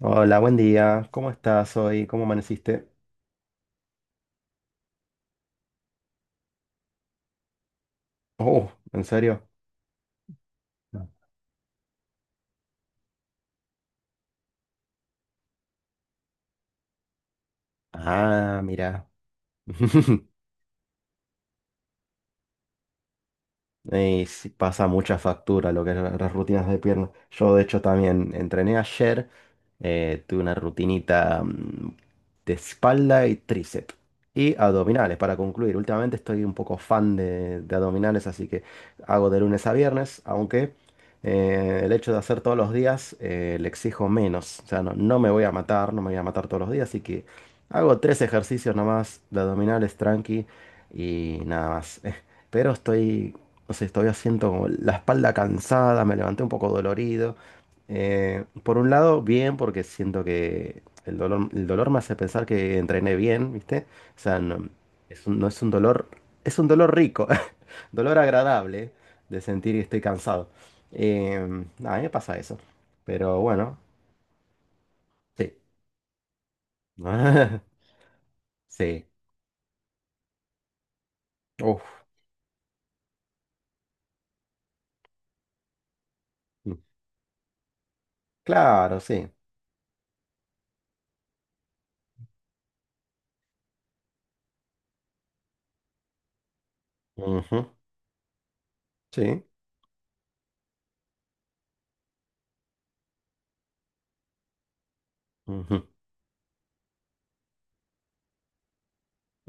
Hola, buen día. ¿Cómo estás hoy? ¿Cómo amaneciste? Oh, ¿en serio? No. Ah, mira. Y sí, pasa mucha factura lo que es la- las rutinas de pierna. Yo, de hecho, también entrené ayer. Tuve una rutinita de espalda y tríceps. Y abdominales, para concluir. Últimamente estoy un poco fan de abdominales, así que hago de lunes a viernes, aunque el hecho de hacer todos los días le exijo menos. O sea, no me voy a matar, no me voy a matar todos los días, así que hago tres ejercicios nomás de abdominales tranqui y nada más. Pero estoy, no sé, todavía siento como la espalda cansada, me levanté un poco dolorido. Por un lado, bien, porque siento que el dolor me hace pensar que entrené bien, ¿viste? O sea, no es un dolor, es un dolor rico, dolor agradable de sentir que estoy cansado. A mí me pasa eso, pero bueno, sí. Sí. Uf. Claro, sí. Ujú. Sí. Ujú,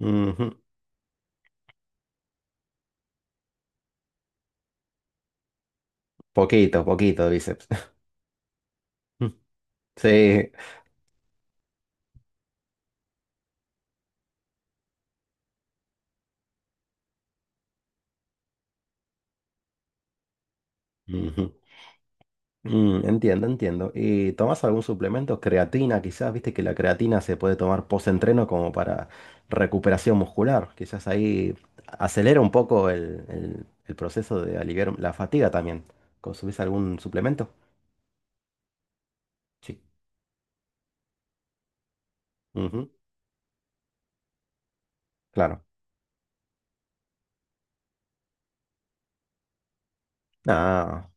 ujú. Poquito, poquito, bíceps. Sí. Ujú. Mm, entiendo, entiendo. ¿Y tomas algún suplemento? Creatina, quizás, viste que la creatina se puede tomar post-entreno como para recuperación muscular. Quizás ahí acelera un poco el proceso de aliviar la fatiga también. ¿Consumís algún suplemento? Sí. Ujú. Claro. Ah,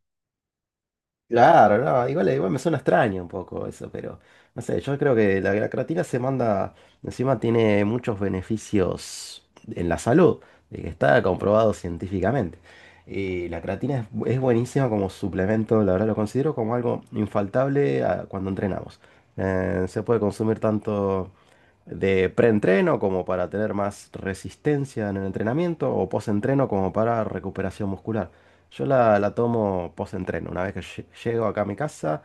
claro, no, igual, igual me suena extraño un poco eso, pero no sé, yo creo que la creatina se manda, encima tiene muchos beneficios en la salud, de que está comprobado científicamente. Y la creatina es buenísima como suplemento, la verdad lo considero como algo infaltable cuando entrenamos. Se puede consumir tanto de preentreno como para tener más resistencia en el entrenamiento o postentreno como para recuperación muscular. Yo la tomo postentreno. Una vez que llego acá a mi casa,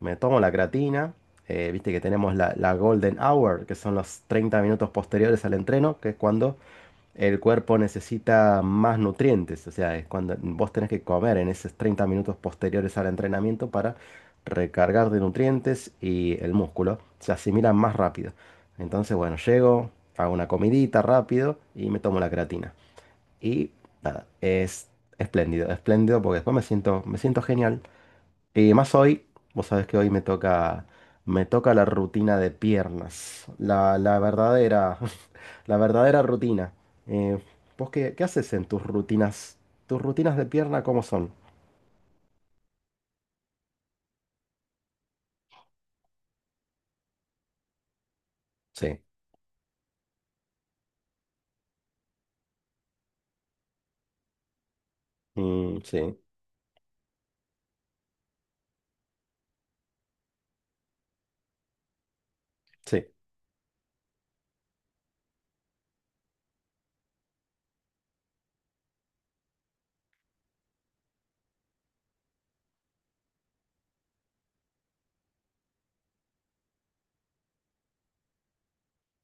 me tomo la creatina. Eh, viste que tenemos la golden hour, que son los 30 minutos posteriores al entreno, que es cuando el cuerpo necesita más nutrientes, o sea, es cuando vos tenés que comer en esos 30 minutos posteriores al entrenamiento para recargar de nutrientes y el músculo se asimila más rápido. Entonces, bueno, llego, hago una comidita rápido y me tomo la creatina. Y nada, es espléndido, espléndido porque después me siento genial y más hoy, vos sabés que hoy me toca la rutina de piernas, la verdadera, la verdadera rutina. Eh, ¿Vos qué haces en tus rutinas? ¿Tus rutinas de pierna cómo son? Sí, mm, sí, sí.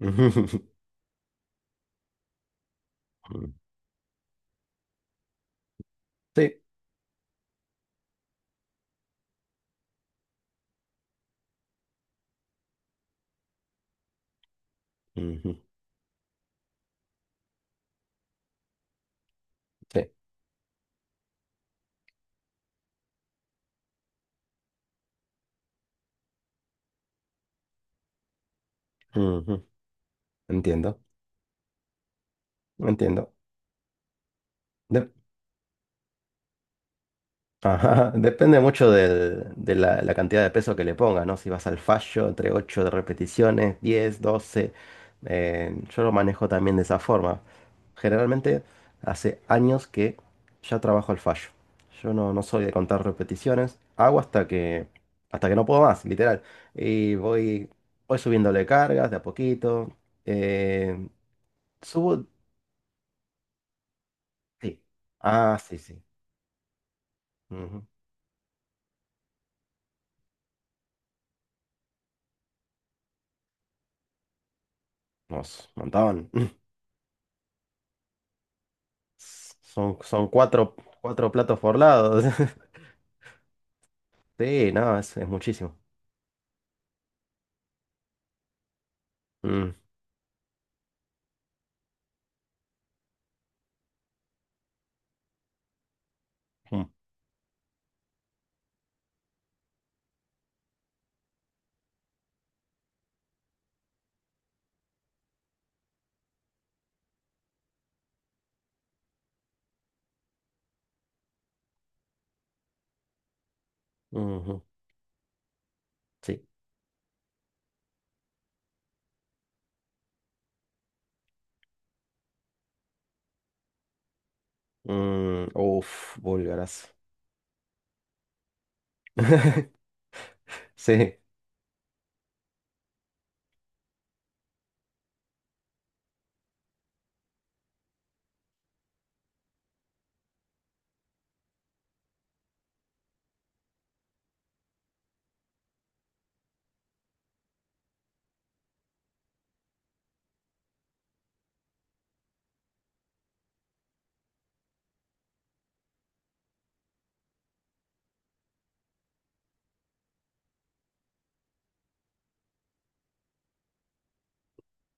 Sí, ujú, sí. Ujú. Entiendo, entiendo. Ajá, depende mucho la cantidad de peso que le pongas, ¿no? Si vas al fallo, entre 8 de repeticiones, 10, doce, yo lo manejo también de esa forma. Generalmente hace años que ya trabajo al fallo. Yo no soy de contar repeticiones, hago hasta hasta que no puedo más, literal. Y voy subiéndole cargas de a poquito. Eh, subo... Sí. Ah, sí, sí. Ujú. Nos, montón. Son cuatro, cuatro platos por lado. Sí, no, es muchísimo. Mm, mm, ujú, sí. Mm, uf, búlgaras. Sí,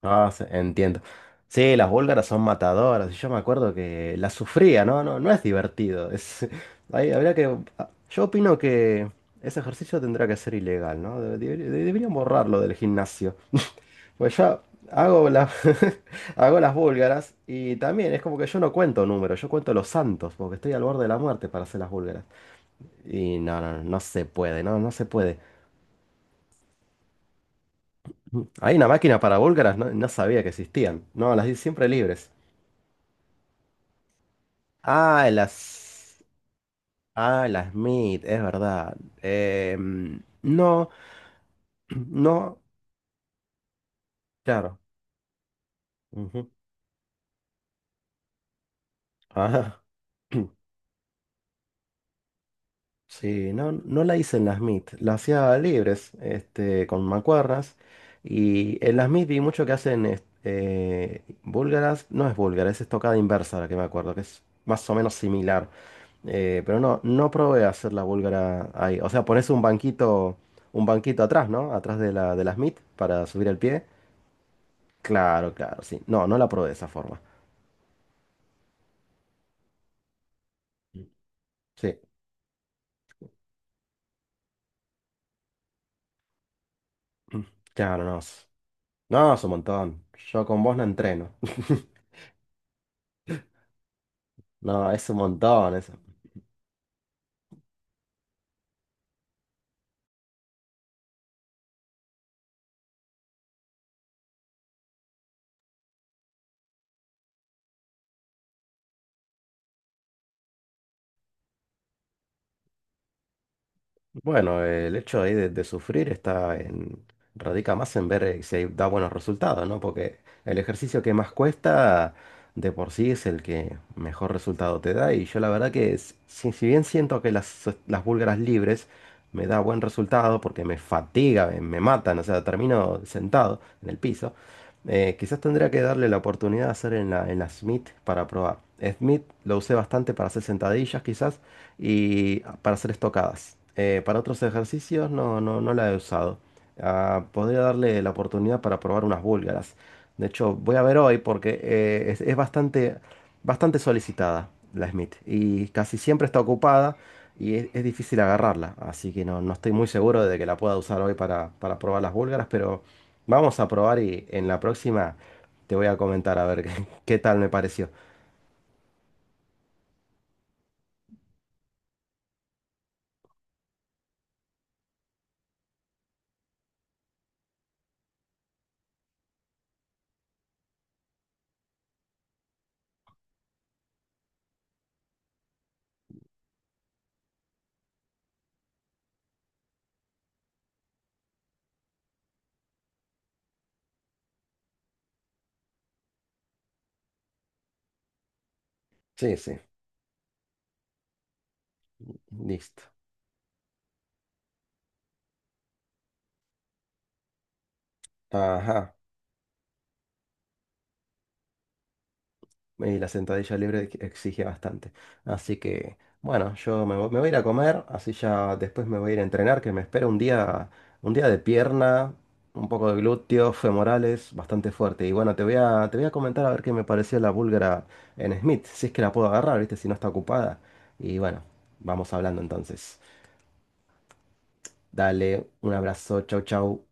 ah, sí, entiendo. Sí, las búlgaras son matadoras. Y yo me acuerdo que las sufría, ¿no? No, no es divertido. Es, ahí habría que. Ah, yo opino que ese ejercicio tendrá que ser ilegal, ¿no? Deberían borrarlo del gimnasio. Pues yo hago, la- hago las búlgaras y también es como que yo no cuento números, yo cuento los santos, porque estoy al borde de la muerte para hacer las búlgaras. Y no se puede, no se puede. Hay una máquina para búlgaras, no, no sabía que existían. No, las di siempre libres. Ah, las... Ah, las Smith, es verdad. Em, no, no, claro. Ujú. Ajá. Sí, no, no la hice en las MIT, la hacía libres, este, con mancuernas. Y en las MIT vi mucho que búlgaras, no es búlgara, es estocada inversa la que me acuerdo, que es más o menos similar. Pero no, no probé hacer la búlgara ahí. O sea, pones un banquito atrás, ¿no? Atrás de de las MIT para subir el pie. Claro, claro, sí. No, no la probé de esa forma. Sí, mm, claro, no. Es- no, es un montón. Yo con vos no entreno. No, es un montón eso. Bueno, el hecho ahí de sufrir está en, radica más en ver si hay- da buenos resultados, ¿no? Porque el ejercicio que más cuesta de por sí es el que mejor resultado te da. Y yo la verdad que s- si, si bien siento que las búlgaras libres me da buen resultado porque me fatiga, me matan, o sea, termino sentado en el piso, quizás tendría que darle la oportunidad de hacer en en la Smith para probar. Smith lo usé bastante para hacer sentadillas quizás, y para hacer estocadas. Para otros ejercicios no la he usado. Ah, podría darle la oportunidad para probar unas búlgaras. De hecho, voy a ver hoy porque es bastante, bastante solicitada la Smith y casi siempre está ocupada y es difícil agarrarla. Así que no, no estoy muy seguro de que la pueda usar hoy para probar las búlgaras, pero vamos a probar y en la próxima te voy a comentar a ver qué, qué tal me pareció. Sí, sí, listo. Ajá. Y la sentadilla libre exige bastante. Así que, bueno, me voy a ir a comer, así ya después me voy a ir a entrenar, que me espera un día de pierna, un poco de glúteos, femorales, bastante fuerte. Y bueno, te voy te voy a comentar a ver qué me pareció la búlgara en Smith, si es que la puedo agarrar, ¿viste? Si no está ocupada. Y bueno, vamos hablando entonces. Dale, un abrazo, chau, chau.